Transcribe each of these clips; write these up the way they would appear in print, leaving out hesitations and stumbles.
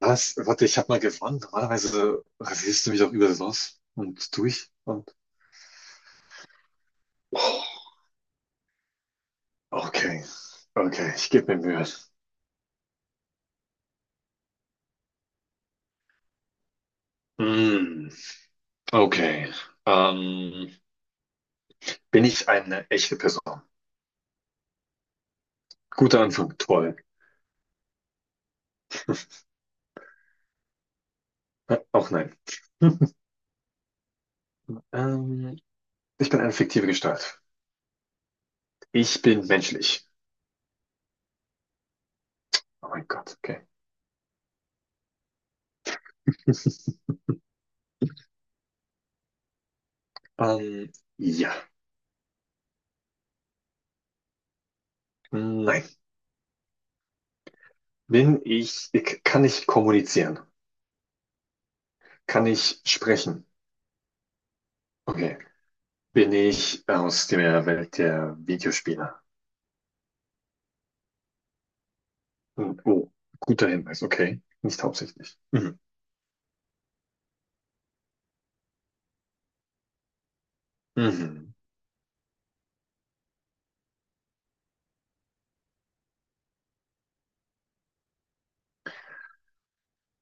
Was? Warte, ich habe mal gewonnen. Normalerweise rasierst du mich auch überall los und durch und. Oh, okay, okay, ich gebe mir Mühe. Hm, okay. Ähm, Bin ich eine echte Person? Guter Anfang, toll. Auch nein. Hm. Ähm, Ich bin eine fiktive Gestalt. Ich bin menschlich. Oh mein Gott, okay. Ähm, ja. Nein. Kann ich kommunizieren? Kann ich sprechen? Okay. Bin ich aus der Welt der Videospiele? Hm, oh, guter Hinweis, okay. Nicht hauptsächlich. Mhm. Mhm.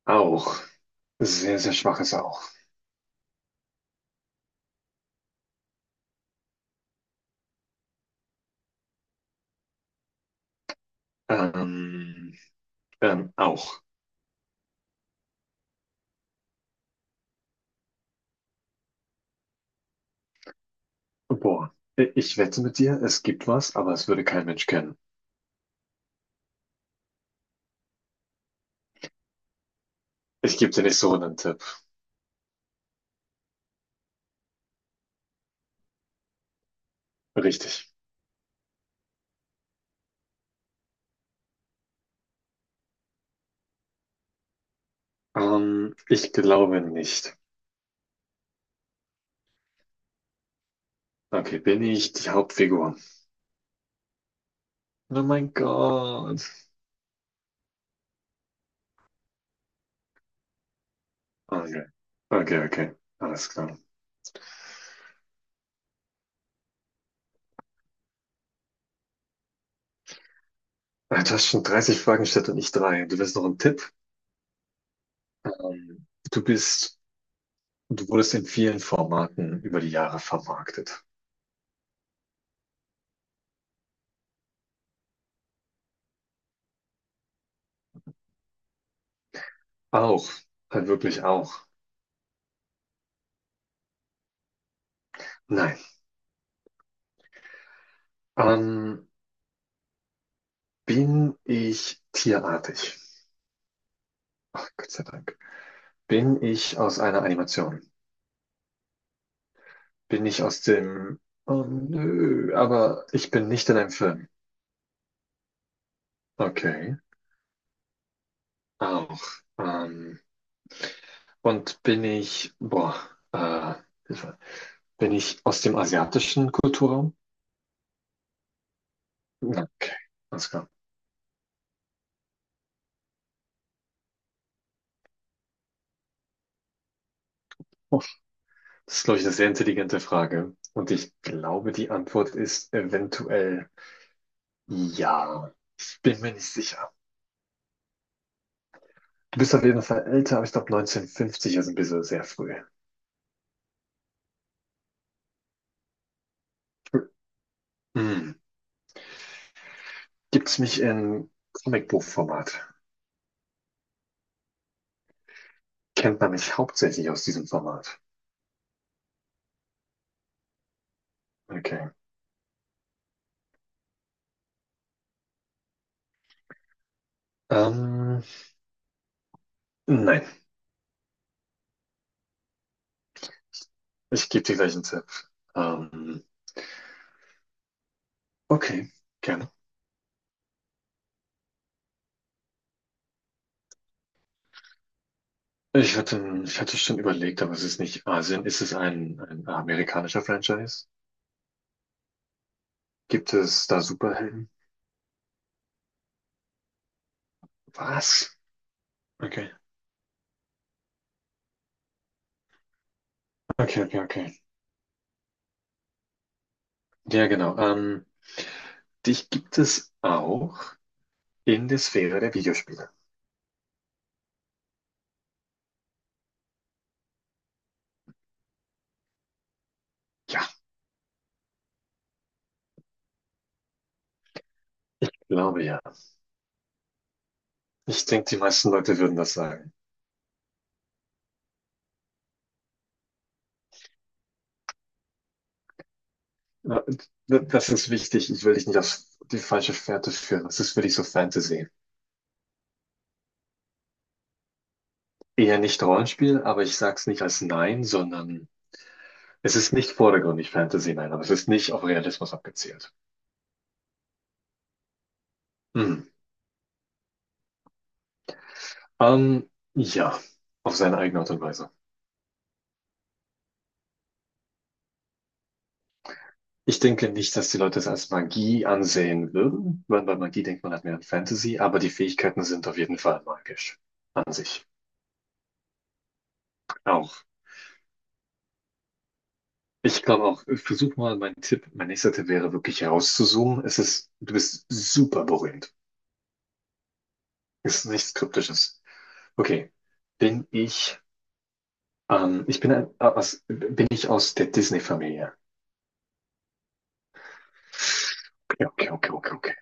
Auch. Sehr, sehr schwaches Auch. Ähm, Auch. Boah. Ich wette mit dir, es gibt was, aber es würde kein Mensch kennen. Ich gebe dir nicht so einen Tipp. Richtig. Ich glaube nicht. Okay, bin ich die Hauptfigur? Oh mein Gott. Okay. Okay, okay. Alles klar. Du hast schon 30 Fragen gestellt und ich drei. Du willst noch einen Tipp? Ähm, du bist, du wurdest in vielen Formaten über die Jahre vermarktet. Auch, halt wirklich auch. Nein. Ähm, Bin ich tierartig? Ach, Gott sei Dank. Bin ich aus einer Animation? Bin ich aus dem. Oh, nö, aber ich bin nicht in einem Film. Okay, auch. Ähm, und bin ich. Boah, äh, Hilfe. Bin ich aus dem asiatischen Kulturraum? Okay, alles klar. Das ist, glaube ich, eine sehr intelligente Frage. Und ich glaube, die Antwort ist eventuell ja. Ich bin mir nicht sicher. Du bist auf jeden Fall älter, aber ich glaube 1950 ist ein bisschen sehr früh. Hm. Gibt es mich in Comicbuchformat? Kennt man mich hauptsächlich aus diesem Format? Okay. Ähm, nein, ich gebe dir gleich einen Tipp. Ähm, okay, gerne. Ich hatte schon überlegt, aber es ist nicht Asien. Ist es ein amerikanischer Franchise? Gibt es da Superhelden? Was? Okay, okay, okay, okay. Ja, genau. Dich gibt es auch in der Sphäre der Videospiele. Ja, glaube ja. Ich denke, die meisten Leute würden das sagen. Ja, das ist wichtig. Ich will dich nicht auf die falsche Fährte führen. Das ist wirklich so Fantasy. Eher nicht Rollenspiel, aber ich sag's nicht als Nein, sondern es ist nicht vordergründig Fantasy, nein, aber es ist nicht auf Realismus abgezielt. Hm. Ähm, ja, auf seine eigene Art und Weise. Ich denke nicht, dass die Leute es als Magie ansehen würden, weil bei Magie denkt man halt mehr an Fantasy, aber die Fähigkeiten sind auf jeden Fall magisch an sich. Auch. Ich glaube auch, ich versuch mal, mein nächster Tipp wäre wirklich herauszuzoomen. Es ist, du bist super berühmt. Es ist nichts Kryptisches. Okay. Bin ich, Bin ich aus der Disney-Familie? Okay, okay, okay, okay, okay.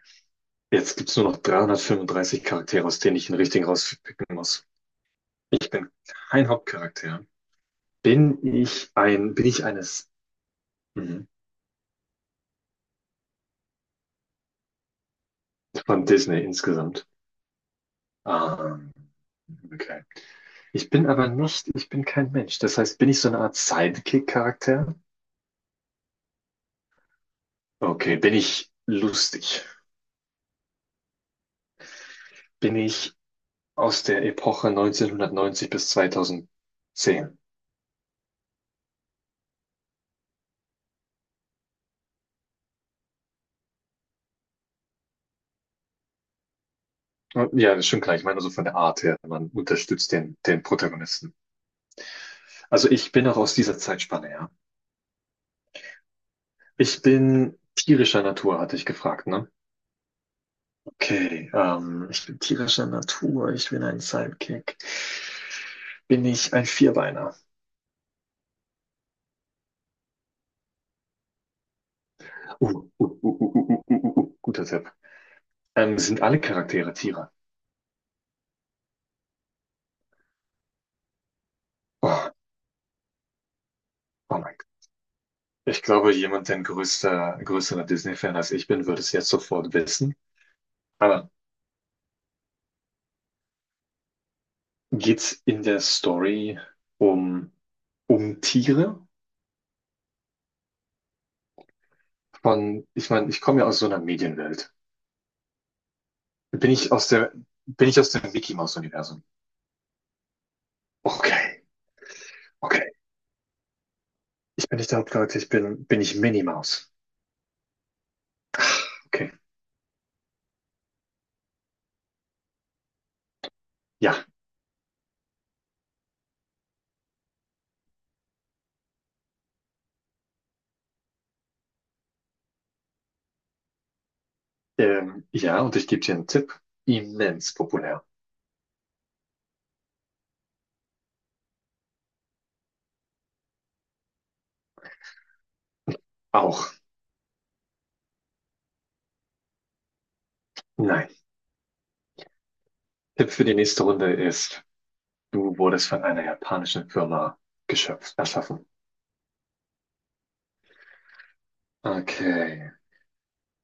Jetzt gibt's nur noch 335 Charaktere, aus denen ich den richtigen rauspicken muss. Ich bin kein Hauptcharakter. Bin ich eines Mhm. von Disney insgesamt? Ähm, okay. Ich bin aber nicht, ich bin kein Mensch. Das heißt, bin ich so eine Art Sidekick-Charakter? Okay, bin ich lustig? Bin ich aus der Epoche 1990 bis 2010? Und ja, das ist schon klar. Ich meine, so von der Art her, man unterstützt den Protagonisten. Also ich bin auch aus dieser Zeitspanne, ja. Ich bin tierischer Natur, hatte ich gefragt, ne? Okay, ich bin tierischer Natur, ich bin ein Sidekick. Bin ich ein Vierbeiner? Guter Tipp. Sind alle Charaktere Tiere? Oh, oh mein Gott. Ich glaube, jemand, der ein größerer Disney-Fan als ich bin, würde es jetzt sofort wissen. Aber geht's in der Story um, um Tiere? Von, ich meine, ich komme ja aus so einer Medienwelt. Bin ich aus der, Bin ich aus dem Mickey-Maus-Universum? Okay, okay. Ich bin nicht der Hauptcharakter, bin ich Minnie Maus. Okay. Ja. Ja, und ich gebe dir einen Tipp. Immens populär. Auch. Nein. Tipp für die nächste Runde ist, du wurdest von einer japanischen Firma geschöpft, erschaffen. Okay.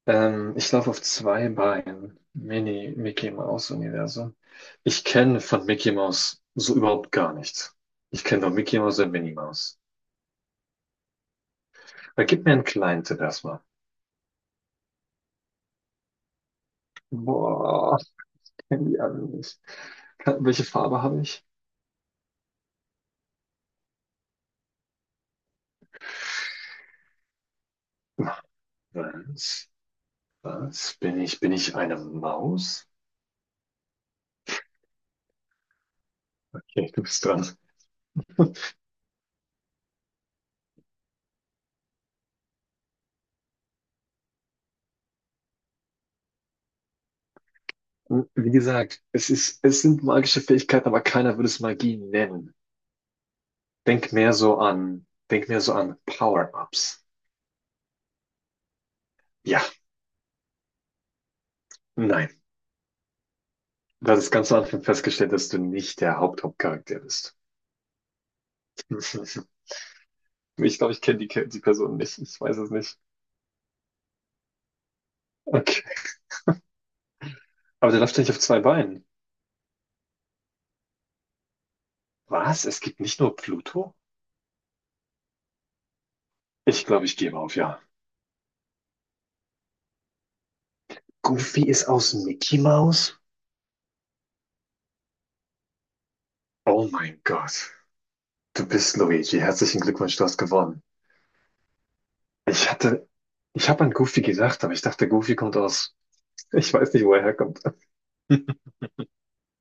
Ich laufe auf zwei Beinen. Mini Mickey Mouse Universum. Ich kenne von Mickey Mouse so überhaupt gar nichts. Ich kenne nur Mickey Mouse und Minnie Mouse. Aber gib mir einen kleinen Tipp erstmal. Boah, ich kenne die alle nicht. Welche Farbe habe ich? Was? Was? Bin ich eine Maus? Okay, du bist dran. Wie gesagt, es sind magische Fähigkeiten, aber keiner würde es Magie nennen. Denk mehr so an Power-Ups. Ja, nein. Das ist ganz am Anfang festgestellt, dass du nicht der Hauptcharakter bist. Ich glaube, ich kenne die Person nicht. Ich weiß es nicht. Okay. Aber der läuft ja nicht auf zwei Beinen. Was? Es gibt nicht nur Pluto? Ich glaube, ich gebe auf, ja. Goofy ist aus Mickey Mouse? Oh mein Gott. Du bist Luigi. Herzlichen Glückwunsch, du hast gewonnen. Ich hatte, Ich habe an Goofy gedacht, aber ich dachte, Goofy kommt aus, ich weiß nicht, wo er herkommt.